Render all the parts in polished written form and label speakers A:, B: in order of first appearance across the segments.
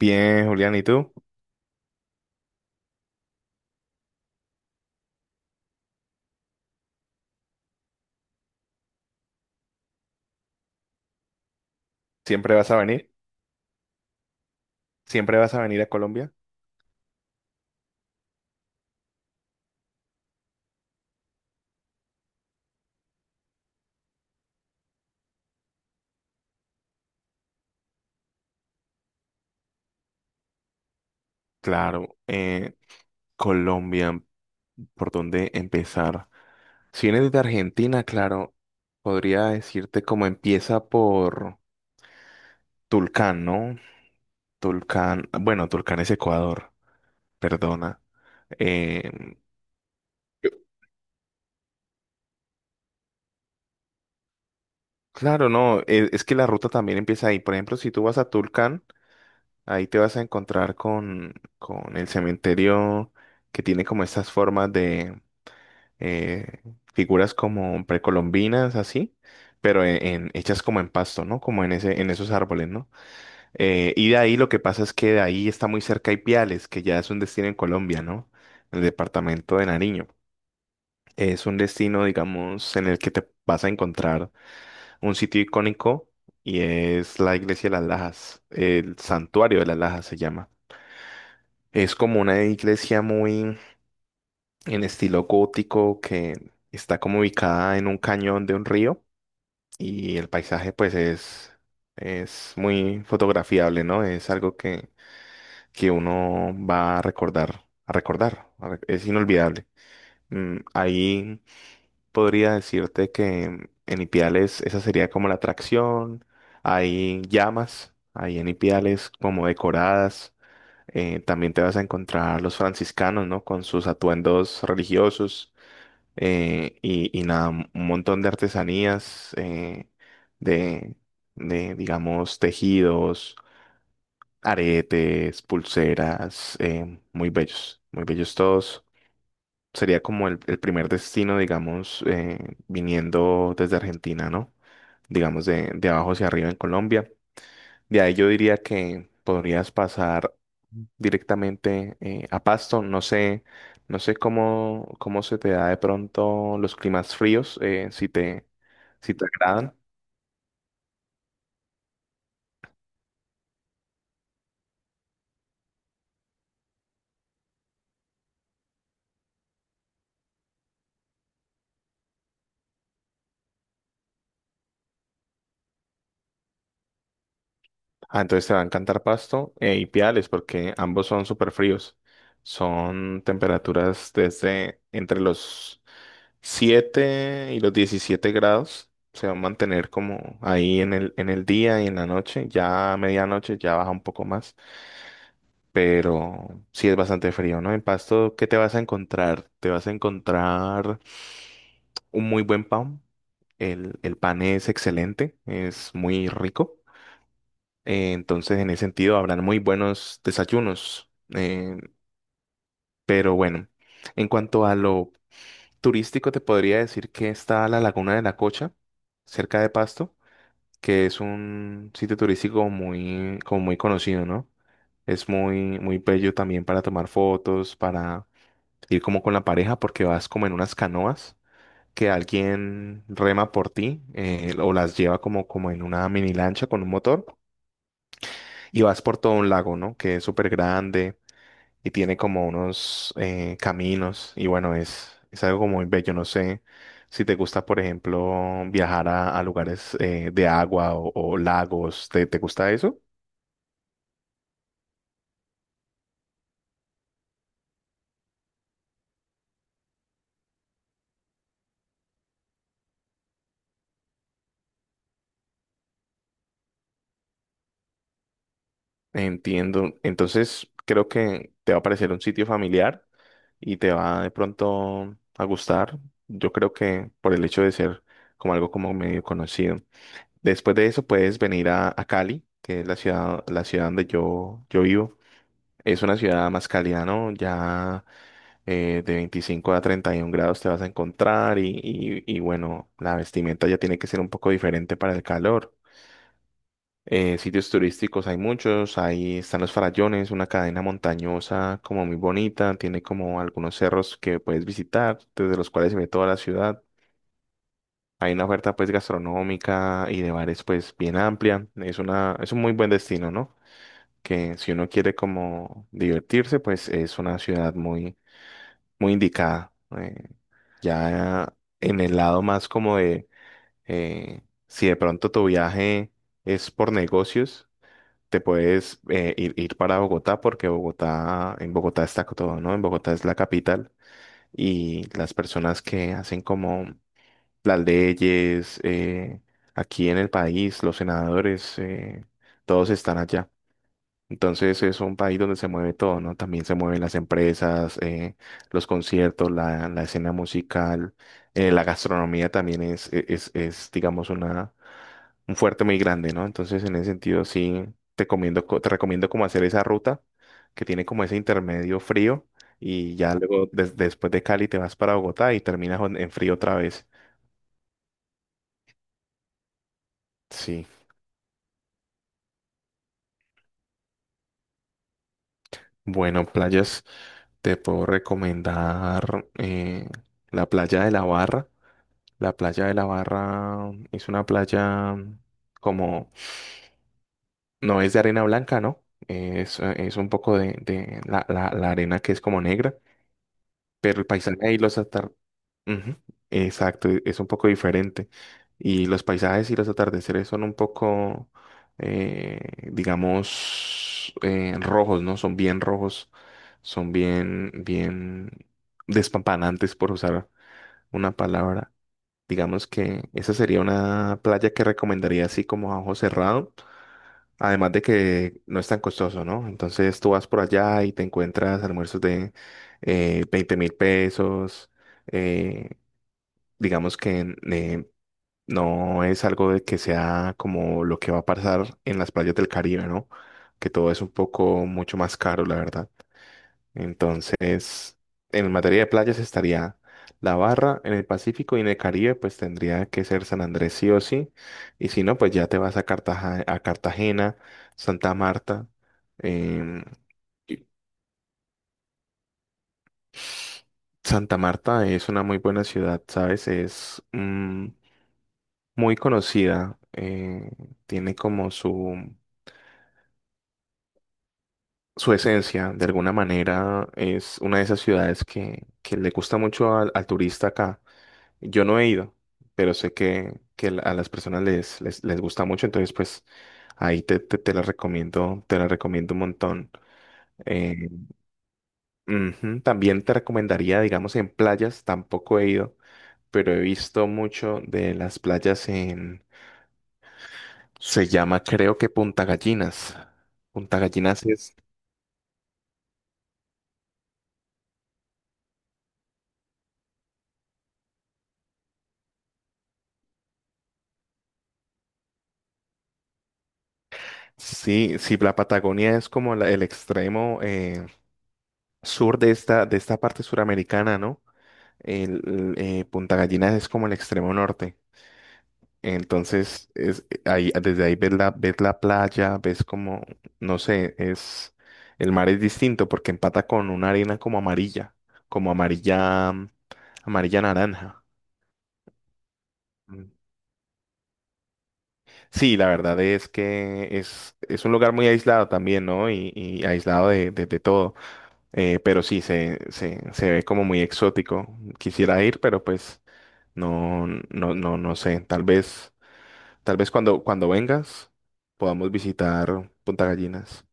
A: Bien, Julián, ¿y tú? ¿Siempre vas a venir? ¿Siempre vas a venir a Colombia? Claro, Colombia, ¿por dónde empezar? Si vienes de Argentina, claro, podría decirte cómo empieza por Tulcán, ¿no? Tulcán, bueno, Tulcán es Ecuador, perdona. Eh, Yo- claro, no, es, que la ruta también empieza ahí. Por ejemplo, si tú vas a Tulcán, ahí te vas a encontrar con el cementerio que tiene como estas formas, eh, figuras como precolombinas, así, pero hechas como en pasto, ¿no? Como en esos árboles, ¿no? Y de ahí lo que pasa es que de ahí está muy cerca Ipiales, que ya es un destino en Colombia, ¿no? El departamento de Nariño. Es un destino, digamos, en el que te vas a encontrar un sitio icónico y es la iglesia de las Lajas, el santuario de las Lajas se llama. Es como una iglesia muy en estilo gótico que está como ubicada en un cañón de un río y el paisaje pues es muy fotografiable, ¿no? Es algo que uno va a recordar, es inolvidable. Ahí podría decirte que en Ipiales esa sería como la atracción, hay llamas, hay en Ipiales como decoradas, también te vas a encontrar los franciscanos, ¿no? Con sus atuendos religiosos, y nada, un montón de artesanías, de, digamos, tejidos, aretes, pulseras, muy bellos todos. Sería como el primer destino, digamos, viniendo desde Argentina, ¿no? Digamos, de abajo hacia arriba en Colombia. De ahí yo diría que podrías pasar directamente, a Pasto. No sé cómo se te da de pronto los climas fríos, si te agradan. Ah, entonces te va a encantar Pasto, y Piales, porque ambos son súper fríos. Son temperaturas desde entre los 7 y los 17 grados. Se va a mantener como ahí en el día y en la noche. Ya a medianoche ya baja un poco más. Pero sí es bastante frío, ¿no? En Pasto, ¿qué te vas a encontrar? Te vas a encontrar un muy buen pan. El pan es excelente, es muy rico. Entonces, en ese sentido, habrán muy buenos desayunos. Pero bueno, en cuanto a lo turístico, te podría decir que está la Laguna de la Cocha, cerca de Pasto, que es un sitio turístico muy, como muy conocido, ¿no? Es muy, muy bello también para tomar fotos, para ir como con la pareja porque vas como en unas canoas que alguien rema por ti, o las lleva como, en una mini lancha con un motor y vas por todo un lago, ¿no? Que es súper grande y tiene como unos, caminos y bueno, es algo como muy bello, no sé. Si te gusta, por ejemplo, viajar a lugares, de agua o lagos, ¿te gusta eso? Entiendo. Entonces, creo que te va a parecer un sitio familiar y te va de pronto a gustar. Yo creo que por el hecho de ser como algo como medio conocido. Después de eso puedes venir a Cali, que es la ciudad donde yo vivo. Es una ciudad más cálida, ¿no? Ya, de 25 a 31 grados te vas a encontrar y bueno, la vestimenta ya tiene que ser un poco diferente para el calor. Sitios turísticos hay muchos, ahí están los Farallones, una cadena montañosa como muy bonita, tiene como algunos cerros que puedes visitar, desde los cuales se ve toda la ciudad. Hay una oferta pues gastronómica y de bares pues bien amplia, es un muy buen destino, ¿no? Que si uno quiere como divertirse, pues es una ciudad muy, muy indicada. Eh, ya en el lado más como de, si de pronto tu viaje es por negocios, te puedes, ir para Bogotá porque Bogotá, en Bogotá está todo, ¿no? En Bogotá es la capital y las personas que hacen como las leyes, aquí en el país, los senadores, todos están allá. Entonces es un país donde se mueve todo, ¿no? También se mueven las empresas, los conciertos, la escena musical, la gastronomía también es, digamos, un fuerte muy grande, ¿no? Entonces en ese sentido sí te recomiendo como hacer esa ruta que tiene como ese intermedio frío y ya luego, después de Cali te vas para Bogotá y terminas en frío otra vez. Sí, bueno, playas, te puedo recomendar, la playa de La Barra. La playa de La Barra es una playa como, no es de arena blanca, ¿no? Es un poco de la arena que es como negra, pero el paisaje y los atardeceres, exacto, es un poco diferente. Y los paisajes y los atardeceres son un poco, eh, digamos, rojos, ¿no? Son bien rojos, son bien, bien despampanantes, por usar una palabra. Digamos que esa sería una playa que recomendaría así como a ojo cerrado. Además de que no es tan costoso, ¿no? Entonces tú vas por allá y te encuentras almuerzos de, 20.000 pesos. eh, digamos que, no es algo de que sea como lo que va a pasar en las playas del Caribe, ¿no? Que todo es un poco mucho más caro, la verdad. Entonces, en materia de playas estaría La Barra, en el Pacífico y en el Caribe, pues tendría que ser San Andrés sí o sí. Y si no, pues ya te vas a Cartagena, Santa Marta. em, y Santa Marta es una muy buena ciudad, ¿sabes? Es, muy conocida, tiene como su esencia, de alguna manera es una de esas ciudades que le gusta mucho al turista acá. Yo no he ido, pero sé que a las personas les gusta mucho, entonces pues ahí te la recomiendo, te la recomiendo un montón. Eh, ujú, también te recomendaría, digamos, en playas, tampoco he ido, pero he visto mucho de las playas en, se llama creo que Punta Gallinas. Punta Gallinas es, sí, sí, la Patagonia es como el extremo, sur de esta parte suramericana, ¿no? Punta Gallinas es como el extremo norte. Entonces, desde ahí ves la playa, ves como, no sé, el mar es distinto porque empata con una arena como amarilla, amarilla naranja. Mm. Sí, la verdad es que es un lugar muy aislado también, ¿no? Y aislado de, de todo. Pero sí, se ve como muy exótico. Quisiera ir, pero pues no, no, no, no sé. Tal vez. Tal vez cuando vengas podamos visitar Punta Gallinas.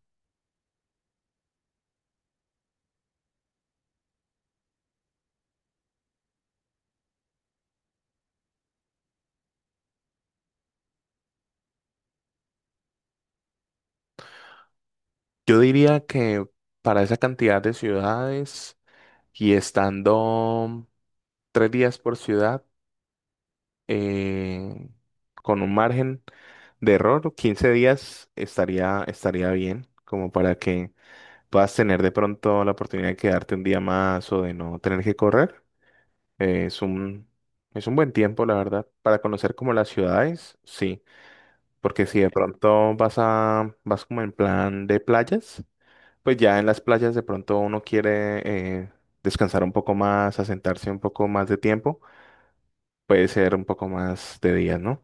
A: Yo diría que para esa cantidad de ciudades y estando 3 días por ciudad, eh, con un margen de error, 15 días estaría bien, como para que puedas tener de pronto la oportunidad de quedarte un día más o de no tener que correr. Eh, es un, es un buen tiempo, la verdad, para conocer como las ciudades, sí. Porque si de pronto vas como en plan de playas, pues ya en las playas de pronto uno quiere, eh, descansar un poco más, asentarse un poco más de tiempo, puede ser un poco más de días, ¿no?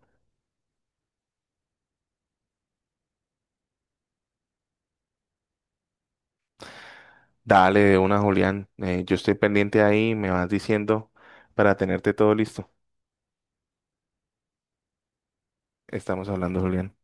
A: Dale de una, Julián, yo estoy pendiente ahí, me vas diciendo para tenerte todo listo. Estamos hablando, Julián.